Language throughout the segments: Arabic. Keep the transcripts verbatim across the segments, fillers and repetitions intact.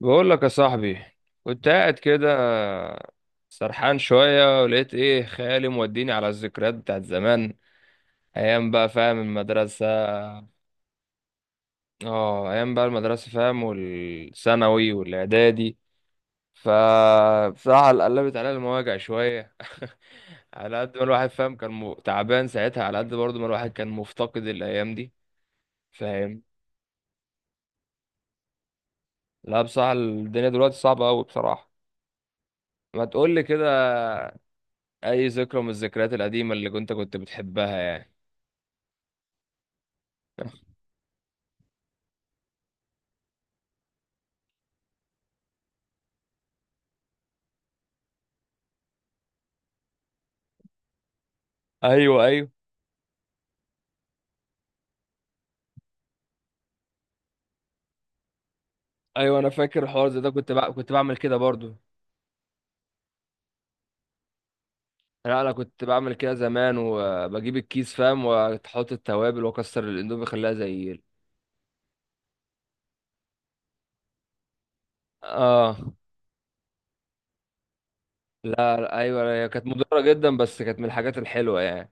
بقول لك يا صاحبي، كنت قاعد كده سرحان شوية ولقيت ايه، خيالي موديني على الذكريات بتاعت زمان. ايام بقى فاهم، المدرسة. اه، ايام بقى المدرسة فاهم، والثانوي والاعدادي. فبصراحة قلبت عليا المواجع شوية. على قد ما الواحد فاهم كان م- تعبان ساعتها، على قد برضه ما الواحد كان مفتقد الايام دي فاهم. لا بصراحة الدنيا دلوقتي صعبة قوي بصراحة. ما تقول لي كده، اي ذكرى من الذكريات القديمه اللي كنت كنت بتحبها يعني. ايوه، ايوه، ايوه انا فاكر الحوار زي ده، كنت بع... كنت بعمل كده برضو. لا انا كنت بعمل كده زمان، وبجيب الكيس فاهم، واحط التوابل واكسر الاندومي اخليها زي ال- اه. لا لا، ايوه هي كانت مضره جدا، بس كانت من الحاجات الحلوه يعني.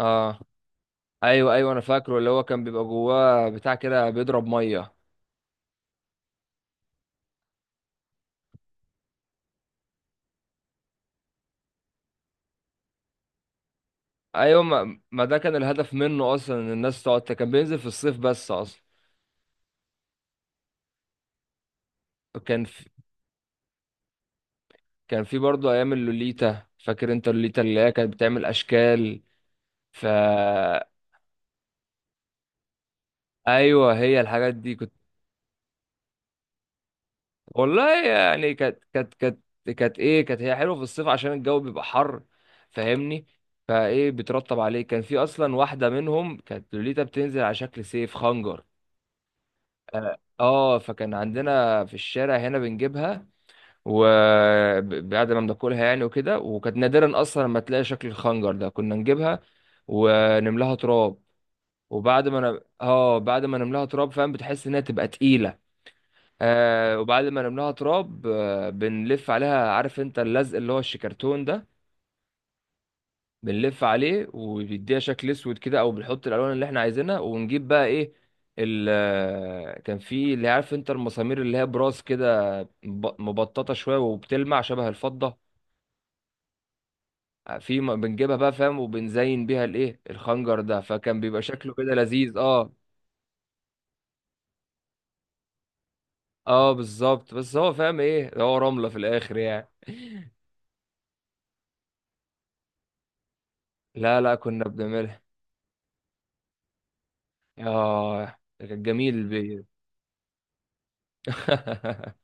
اه ايوه، ايوه انا فاكره، اللي هو كان بيبقى جواه بتاع كده بيضرب ميه. ايوه ما, ما ده كان الهدف منه اصلا، ان الناس تقعد، كان بينزل في الصيف بس اصلا. كان في، كان في برضه ايام اللوليتا، فاكر انت اللوليتا اللي هي كانت بتعمل اشكال؟ ف ايوه هي الحاجات دي كنت. والله يعني كانت كانت كانت كانت ايه، كانت هي حلوه في الصيف عشان الجو بيبقى حر فاهمني. فايه بترطب عليه، كان في اصلا واحده منهم كانت لوليتا بتنزل على شكل سيف خنجر. اه آه، فكان عندنا في الشارع هنا بنجيبها، وبعد ما بناكلها يعني وكده، وكانت نادرا اصلا لما تلاقي شكل الخنجر ده كنا نجيبها ونملاها تراب. وبعد ما انا اه بعد ما نملاها تراب فاهم بتحس انها تبقى تقيله. آه، وبعد ما نملاها تراب آه، بنلف عليها، عارف انت اللزق اللي هو الشيكرتون ده؟ بنلف عليه وبيديها شكل اسود كده، او بنحط الالوان اللي احنا عايزينها، ونجيب بقى ايه، ال آه، كان في، اللي عارف انت المسامير اللي هي براس كده مب- مبططه شويه وبتلمع شبه الفضه. آه، في م- بنجيبها بقى فاهم، وبنزين بيها الايه، الخنجر ده، فكان بيبقى شكله كده لذيذ اه. اه بالظبط، بس هو فاهم ايه ده، هو رملة في الاخر يعني. لا لا كنا بنعملها. اه، ده كان جميل البيت.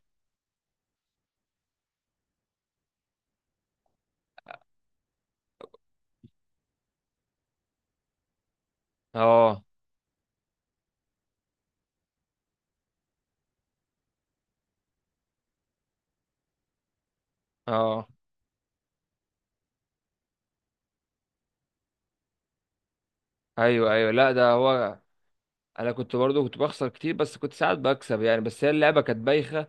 اه، اه، ايوه، ايوه لا ده هو. انا كنت برضو كنت بخسر كتير، بس كنت ساعات بكسب يعني، بس هي اللعبة كانت بايخة.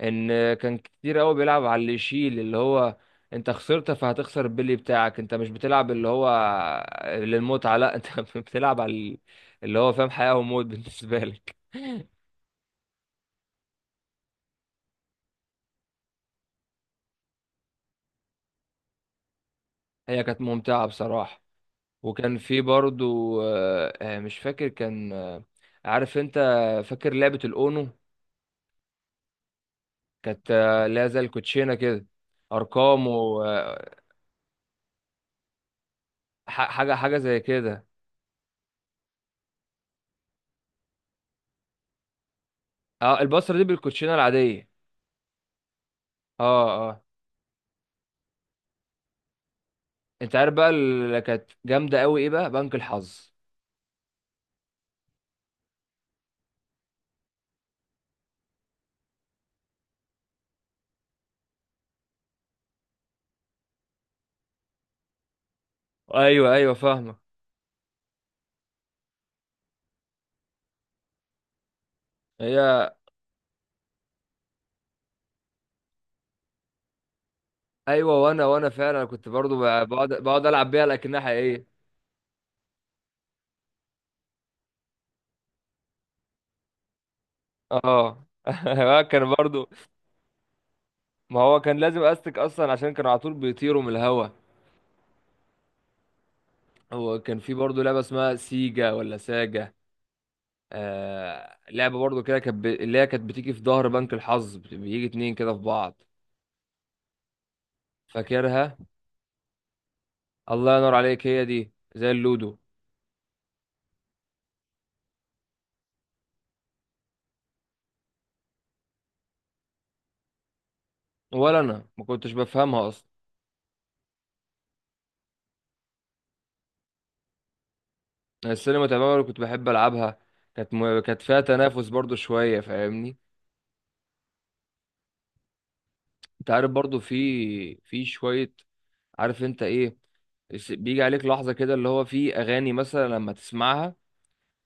ان كان كتير قوي بيلعب على اللي يشيل اللي هو، انت خسرت فهتخسر البلي بتاعك، انت مش بتلعب اللي هو للمتعة، لا انت بتلعب على اللي هو فاهم حياة وموت بالنسبة لك. هي كانت ممتعة بصراحة. وكان في برضو آه، آه، مش فاكر كان آه، عارف انت، فاكر لعبة الأونو؟ كانت آه، اللي هي زي الكوتشينة كده، أرقام وحاجة، حاجة حاجة زي كده. اه البصرة دي بالكوتشينة العادية. اه اه، انت عارف بقى اللي كانت جامدة قوي ايه بقى؟ بنك الحظ. ايوه، ايوه فاهمة. هي ايوه، وانا وانا فعلا كنت برضو ب- بقعد، بقعد العب بيها لكنها حقيقية. اه، كان برضو، ما هو كان لازم استك اصلا عشان كانوا على طول بيطيروا من الهوا. هو كان في برضه لعبة اسمها سيجا ولا ساجا، آه لعبة برضه كده كانت ب- اللي هي كانت بتيجي في ظهر بنك الحظ بت- بيجي اتنين كده في بعض، فاكرها؟ الله ينور عليك، هي دي زي اللودو. ولا انا ما كنتش بفهمها اصلا. أنا السينما تماما اللي كنت بحب العبها، كانت م... كانت فيها تنافس برضه شوية فاهمني. انت عارف برضه في، في شوية، عارف انت ايه، بيجي عليك لحظة كده، اللي هو في اغاني مثلا لما تسمعها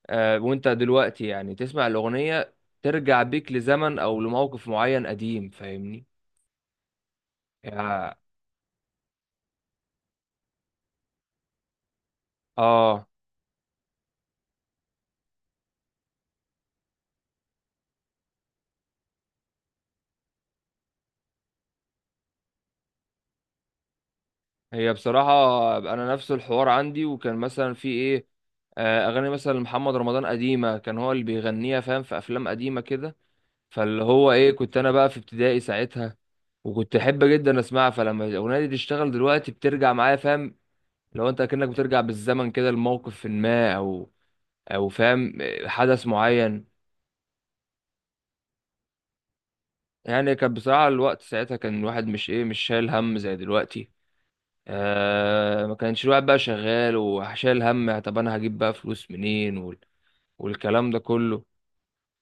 آه، وانت دلوقتي يعني تسمع الأغنية، ترجع بيك لزمن أو لموقف معين قديم فاهمني. يا اه هي بصراحة أنا نفس الحوار عندي، وكان مثلا في إيه، آه، أغاني مثلا محمد رمضان قديمة، كان هو اللي بيغنيها فاهم، في أفلام قديمة كده. فاللي هو إيه، كنت أنا بقى في ابتدائي ساعتها، وكنت أحب جدا أسمعها، فلما الأغنية دي تشتغل دلوقتي بترجع معايا فاهم. لو أنت كأنك بترجع بالزمن كده لموقف ما، أو أو فاهم آه، حدث معين. يعني كان بصراحة الوقت ساعتها كان الواحد مش ايه، مش شايل هم زي دلوقتي. آه، ما كانش الواحد بقى شغال وشايل هم، يعني طب انا هجيب بقى فلوس منين وال... والكلام ده كله.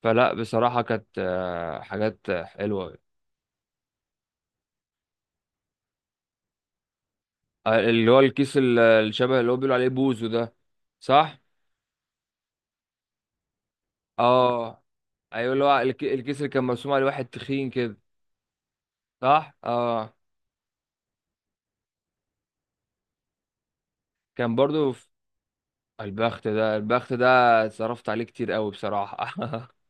فلا بصراحة كانت آه حاجات حلوة. آه اللي هو الكيس ال- الشبه اللي هو بيقولوا عليه بوزو ده، صح؟ اه ايوه، اللي هو الك- الكيس اللي كان مرسوم عليه واحد تخين كده، صح؟ اه. كان برضو في البخت ده، البخت ده صرفت عليه كتير قوي بصراحة.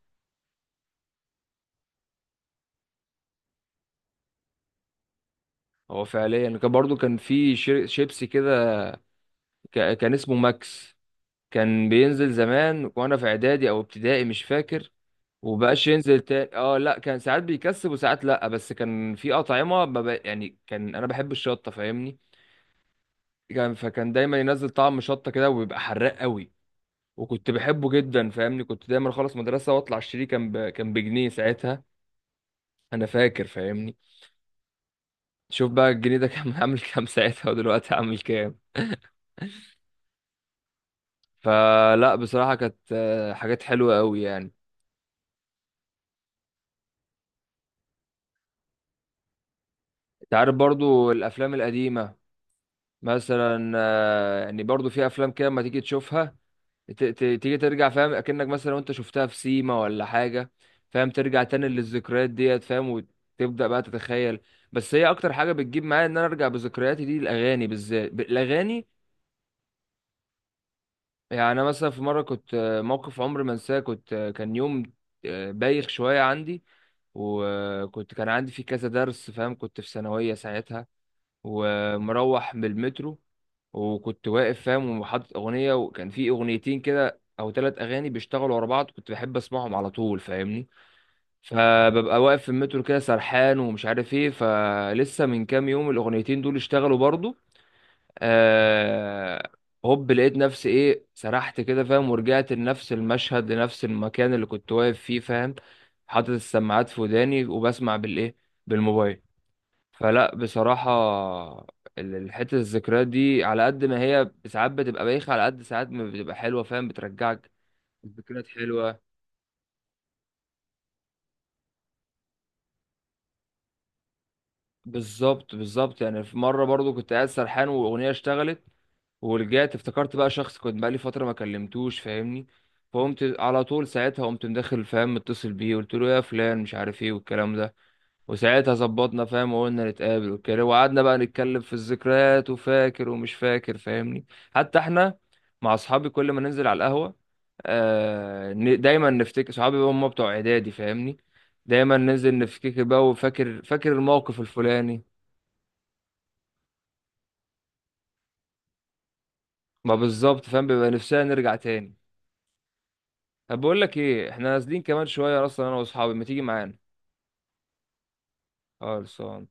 هو فعليا كان برضو كان في شير- شيبسي كده، ك- كان اسمه ماكس. كان بينزل زمان وانا في اعدادي او ابتدائي مش فاكر، وبقاش ينزل تاني اه. لا كان ساعات بيكسب وساعات لا، بس كان في اطعمه ما بق- يعني كان انا بحب الشطه فاهمني، كان فكان دايما ينزل طعم شطه كده وبيبقى حراق قوي، وكنت بحبه جدا فاهمني، كنت دايما اخلص مدرسه واطلع اشتريه، كان ب... كان بجنيه ساعتها انا فاكر فاهمني. شوف بقى الجنيه ده كان عامل كام ساعتها ودلوقتي عامل كام. فلا بصراحة كانت آه، حاجات حلوة قوي يعني. انت عارف برضو الافلام القديمة مثلا، آه، يعني برضو في افلام كده لما تيجي تشوفها، ت- ت- تيجي ترجع فاهم اكنك مثلا وانت شفتها في سيما ولا حاجة فاهم، ترجع تاني للذكريات ديت فاهم، وتبدأ بقى تتخيل. بس هي اكتر حاجة بتجيب معايا ان انا ارجع بذكرياتي دي الاغاني، بالذات الاغاني. يعني انا مثلا في مره كنت آه، موقف عمري ما انساه، كنت آه، كان يوم آه، بايخ شويه عندي، وكنت كان عندي فيه كذا درس فاهم، كنت في ثانويه ساعتها، ومروح بالمترو، وكنت واقف فاهم وحاطط اغنيه، وكان في اغنيتين كده او ثلاث اغاني بيشتغلوا ورا بعض كنت بحب اسمعهم على طول فاهمني. فببقى واقف في المترو كده سرحان ومش عارف ايه، فلسه من كام يوم الاغنيتين دول اشتغلوا برضو. آه، هوب لقيت نفسي ايه، سرحت كده فاهم، ورجعت لنفس المشهد، لنفس المكان اللي كنت واقف فيه فاهم، حاطط السماعات في وداني وبسمع بالايه، بالموبايل. فلا بصراحة ال- الحتة الذكريات دي على قد ما هي ساعات بتبقى بايخة، على قد ساعات ما بتبقى حلوة فاهم، بترجعك ذكريات حلوة. بالظبط، بالظبط. يعني في مرة برضو كنت قاعد سرحان وأغنية اشتغلت، ورجعت افتكرت بقى شخص كنت بقالي فترة ما كلمتوش فاهمني، فقمت على طول ساعتها، قمت مدخل فاهم متصل بيه، قلت له يا فلان مش عارف ايه والكلام ده. وساعتها ظبطنا فاهم، وقلنا نتقابل وكده، وقعدنا بقى نتكلم في الذكريات، وفاكر ومش فاكر فاهمني. حتى احنا مع اصحابي كل ما ننزل على القهوة، آه ن- دايما نفتكر صحابي بقى هم بتوع اعدادي فاهمني، دايما ننزل نفتكر بقى، وفاكر، فاكر الموقف الفلاني. ما بالظبط فاهم، بيبقى نفسنا نرجع تاني. طب بقول لك ايه، احنا نازلين كمان شويه اصلا انا واصحابي، ما تيجي معانا؟ خالص.